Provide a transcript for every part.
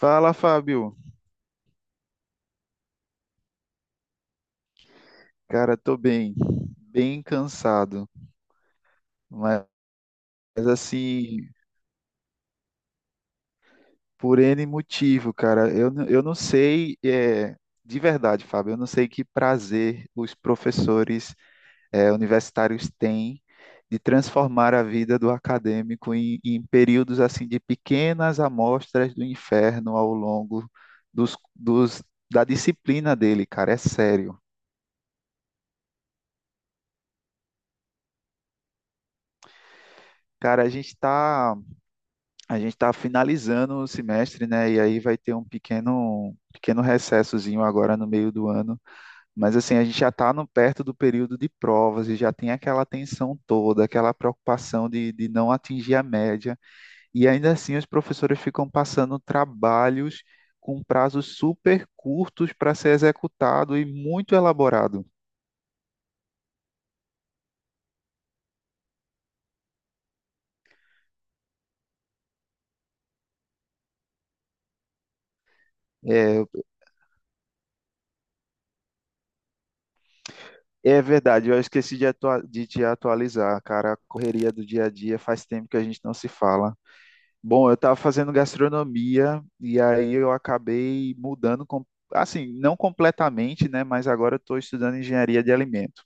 Fala, Fábio. Cara, tô bem, bem cansado, mas assim, por N motivo, cara, eu não sei, de verdade, Fábio, eu não sei que prazer os professores, universitários têm de transformar a vida do acadêmico em períodos assim de pequenas amostras do inferno ao longo dos, dos, da disciplina dele, cara, é sério. Cara, a gente tá A gente está finalizando o semestre, né? E aí vai ter um pequeno recessozinho agora no meio do ano. Mas assim, a gente já está perto do período de provas e já tem aquela tensão toda, aquela preocupação de não atingir a média. E ainda assim, os professores ficam passando trabalhos com prazos super curtos para ser executado e muito elaborado. É, é verdade, eu esqueci de te atualizar, cara. A correria do dia a dia faz tempo que a gente não se fala. Bom, eu estava fazendo gastronomia e aí eu acabei mudando, assim, não completamente, né? Mas agora eu estou estudando engenharia de alimento.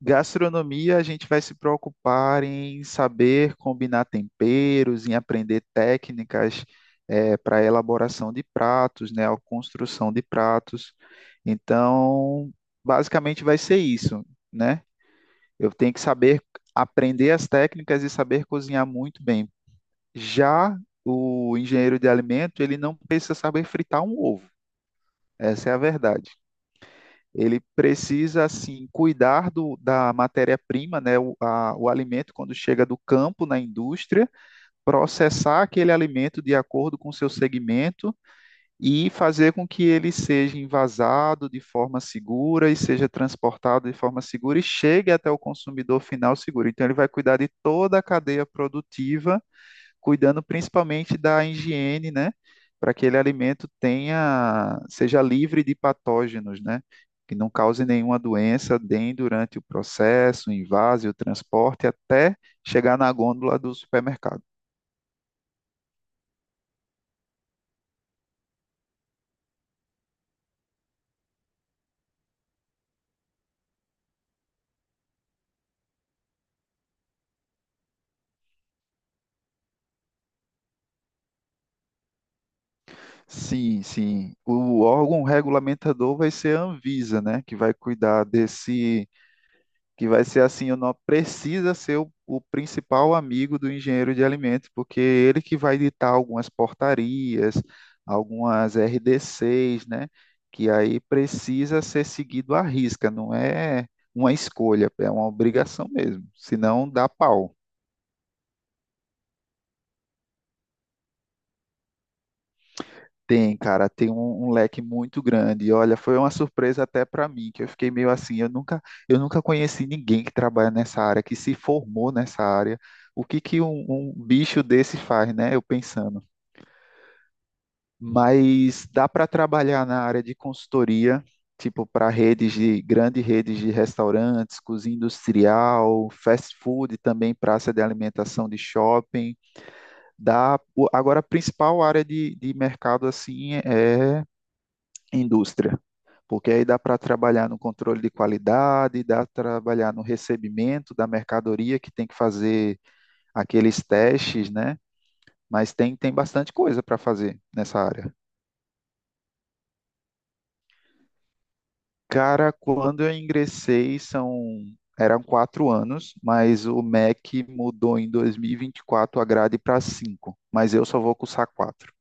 Gastronomia, a gente vai se preocupar em saber combinar temperos, em aprender técnicas para elaboração de pratos, né? A construção de pratos. Então, basicamente vai ser isso, né? Eu tenho que saber aprender as técnicas e saber cozinhar muito bem. Já o engenheiro de alimento, ele não precisa saber fritar um ovo. Essa é a verdade. Ele precisa, assim, cuidar da matéria-prima, né, o alimento, quando chega do campo na indústria, processar aquele alimento de acordo com seu segmento e fazer com que ele seja envasado de forma segura e seja transportado de forma segura e chegue até o consumidor final seguro. Então, ele vai cuidar de toda a cadeia produtiva, cuidando principalmente da higiene, né? Para que aquele alimento tenha, seja livre de patógenos, né? Que não cause nenhuma doença, nem durante o processo, o invase, o transporte, até chegar na gôndola do supermercado. Sim, sim. O órgão regulamentador vai ser a Anvisa, né? Que vai cuidar desse, que vai ser assim, o nó precisa ser o principal amigo do engenheiro de alimentos, porque é ele que vai ditar algumas portarias, algumas RDCs, né? Que aí precisa ser seguido à risca, não é uma escolha, é uma obrigação mesmo, senão dá pau. Tem, cara, tem um leque muito grande. E olha, foi uma surpresa até para mim, que eu fiquei meio assim, eu nunca conheci ninguém que trabalha nessa área, que se formou nessa área. O que que um bicho desse faz, né? Eu pensando. Mas dá para trabalhar na área de consultoria, tipo para redes de grandes redes de restaurantes, cozinha industrial, fast food, também praça de alimentação de shopping. Agora a principal área de mercado assim é indústria. Porque aí dá para trabalhar no controle de qualidade, dá para trabalhar no recebimento da mercadoria, que tem que fazer aqueles testes, né? Mas tem, tem bastante coisa para fazer nessa área. Cara, quando eu ingressei, eram 4 anos, mas o MEC mudou em 2024 a grade para 5, mas eu só vou cursar 4.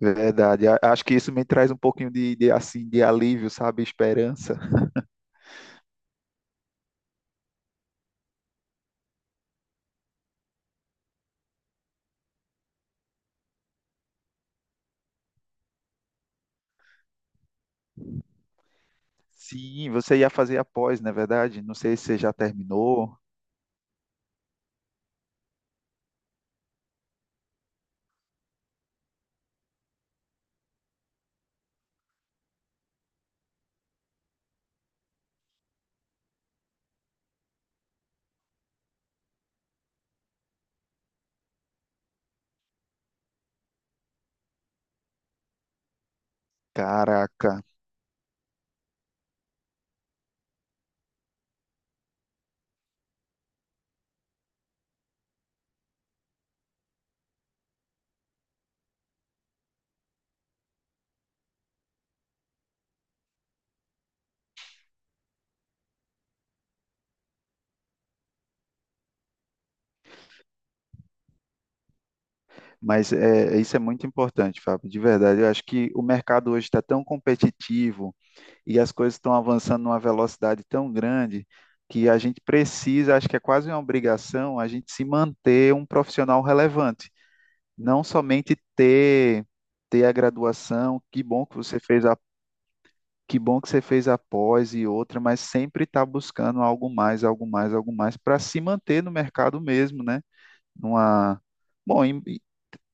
Verdade. Acho que isso me traz um pouquinho assim, de alívio, sabe? Esperança. Sim, você ia fazer após, não é verdade? Não sei se você já terminou. Caraca, mas é, isso é muito importante, Fábio, de verdade. Eu acho que o mercado hoje está tão competitivo e as coisas estão avançando numa velocidade tão grande que a gente precisa, acho que é quase uma obrigação, a gente se manter um profissional relevante. Não somente ter a graduação, que bom que você fez a pós e outra, mas sempre está buscando algo mais, algo mais, algo mais, para se manter no mercado mesmo, né? Numa, bom, em- e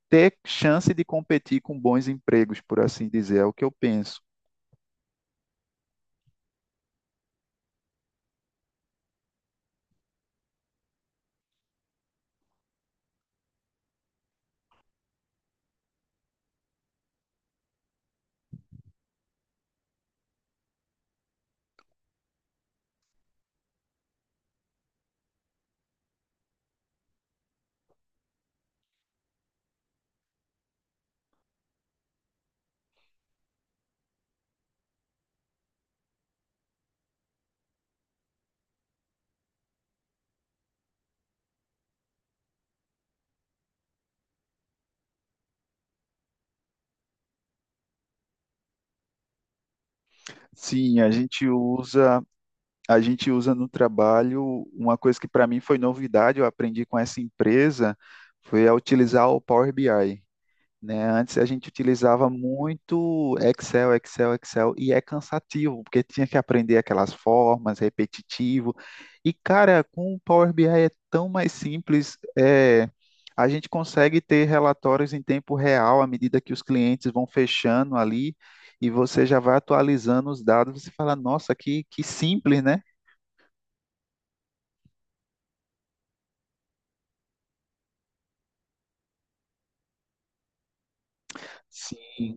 Ter chance de competir com bons empregos, por assim dizer, é o que eu penso. Sim, a gente usa no trabalho uma coisa que para mim foi novidade, eu aprendi com essa empresa, foi a utilizar o Power BI. Né? Antes a gente utilizava muito Excel, Excel, Excel, e é cansativo, porque tinha que aprender aquelas formas, repetitivo. E, cara, com o Power BI é tão mais simples, a gente consegue ter relatórios em tempo real à medida que os clientes vão fechando ali. E você já vai atualizando os dados, você fala, nossa, que simples, né? Sim,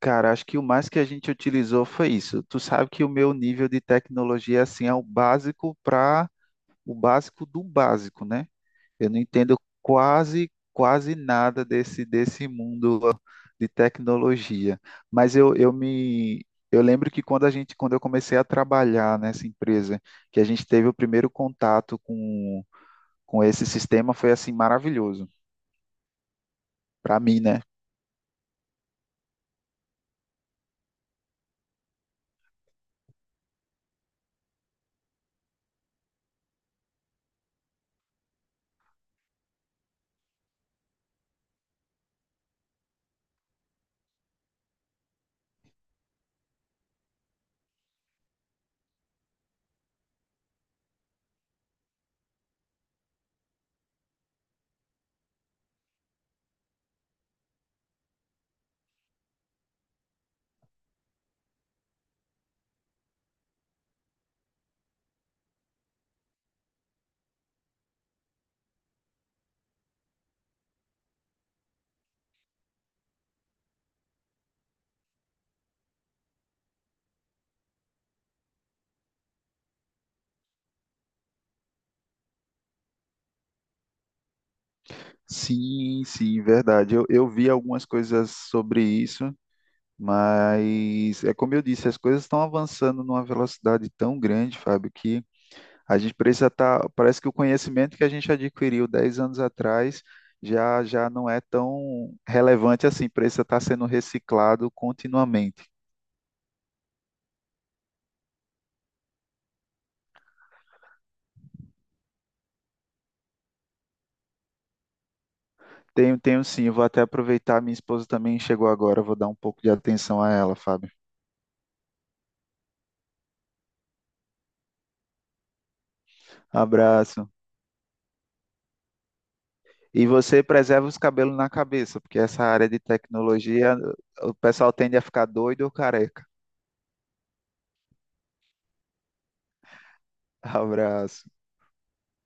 cara, acho que o mais que a gente utilizou foi isso. Tu sabe que o meu nível de tecnologia assim é o básico para o básico do básico, né? Eu não entendo quase nada desse mundo de tecnologia, mas eu lembro que quando eu comecei a trabalhar nessa empresa, que a gente teve o primeiro contato com esse sistema, foi assim maravilhoso para mim, né? Sim, sim, verdade. Eu vi algumas coisas sobre isso, mas é como eu disse, as coisas estão avançando numa velocidade tão grande, Fábio, que a gente precisa estar. Parece que o conhecimento que a gente adquiriu 10 anos atrás já não é tão relevante assim, precisa estar sendo reciclado continuamente. Tenho, tenho sim, eu vou até aproveitar, minha esposa também chegou agora, eu vou dar um pouco de atenção a ela, Fábio. Abraço. E você preserva os cabelos na cabeça, porque essa área de tecnologia, o pessoal tende a ficar doido ou careca. Abraço.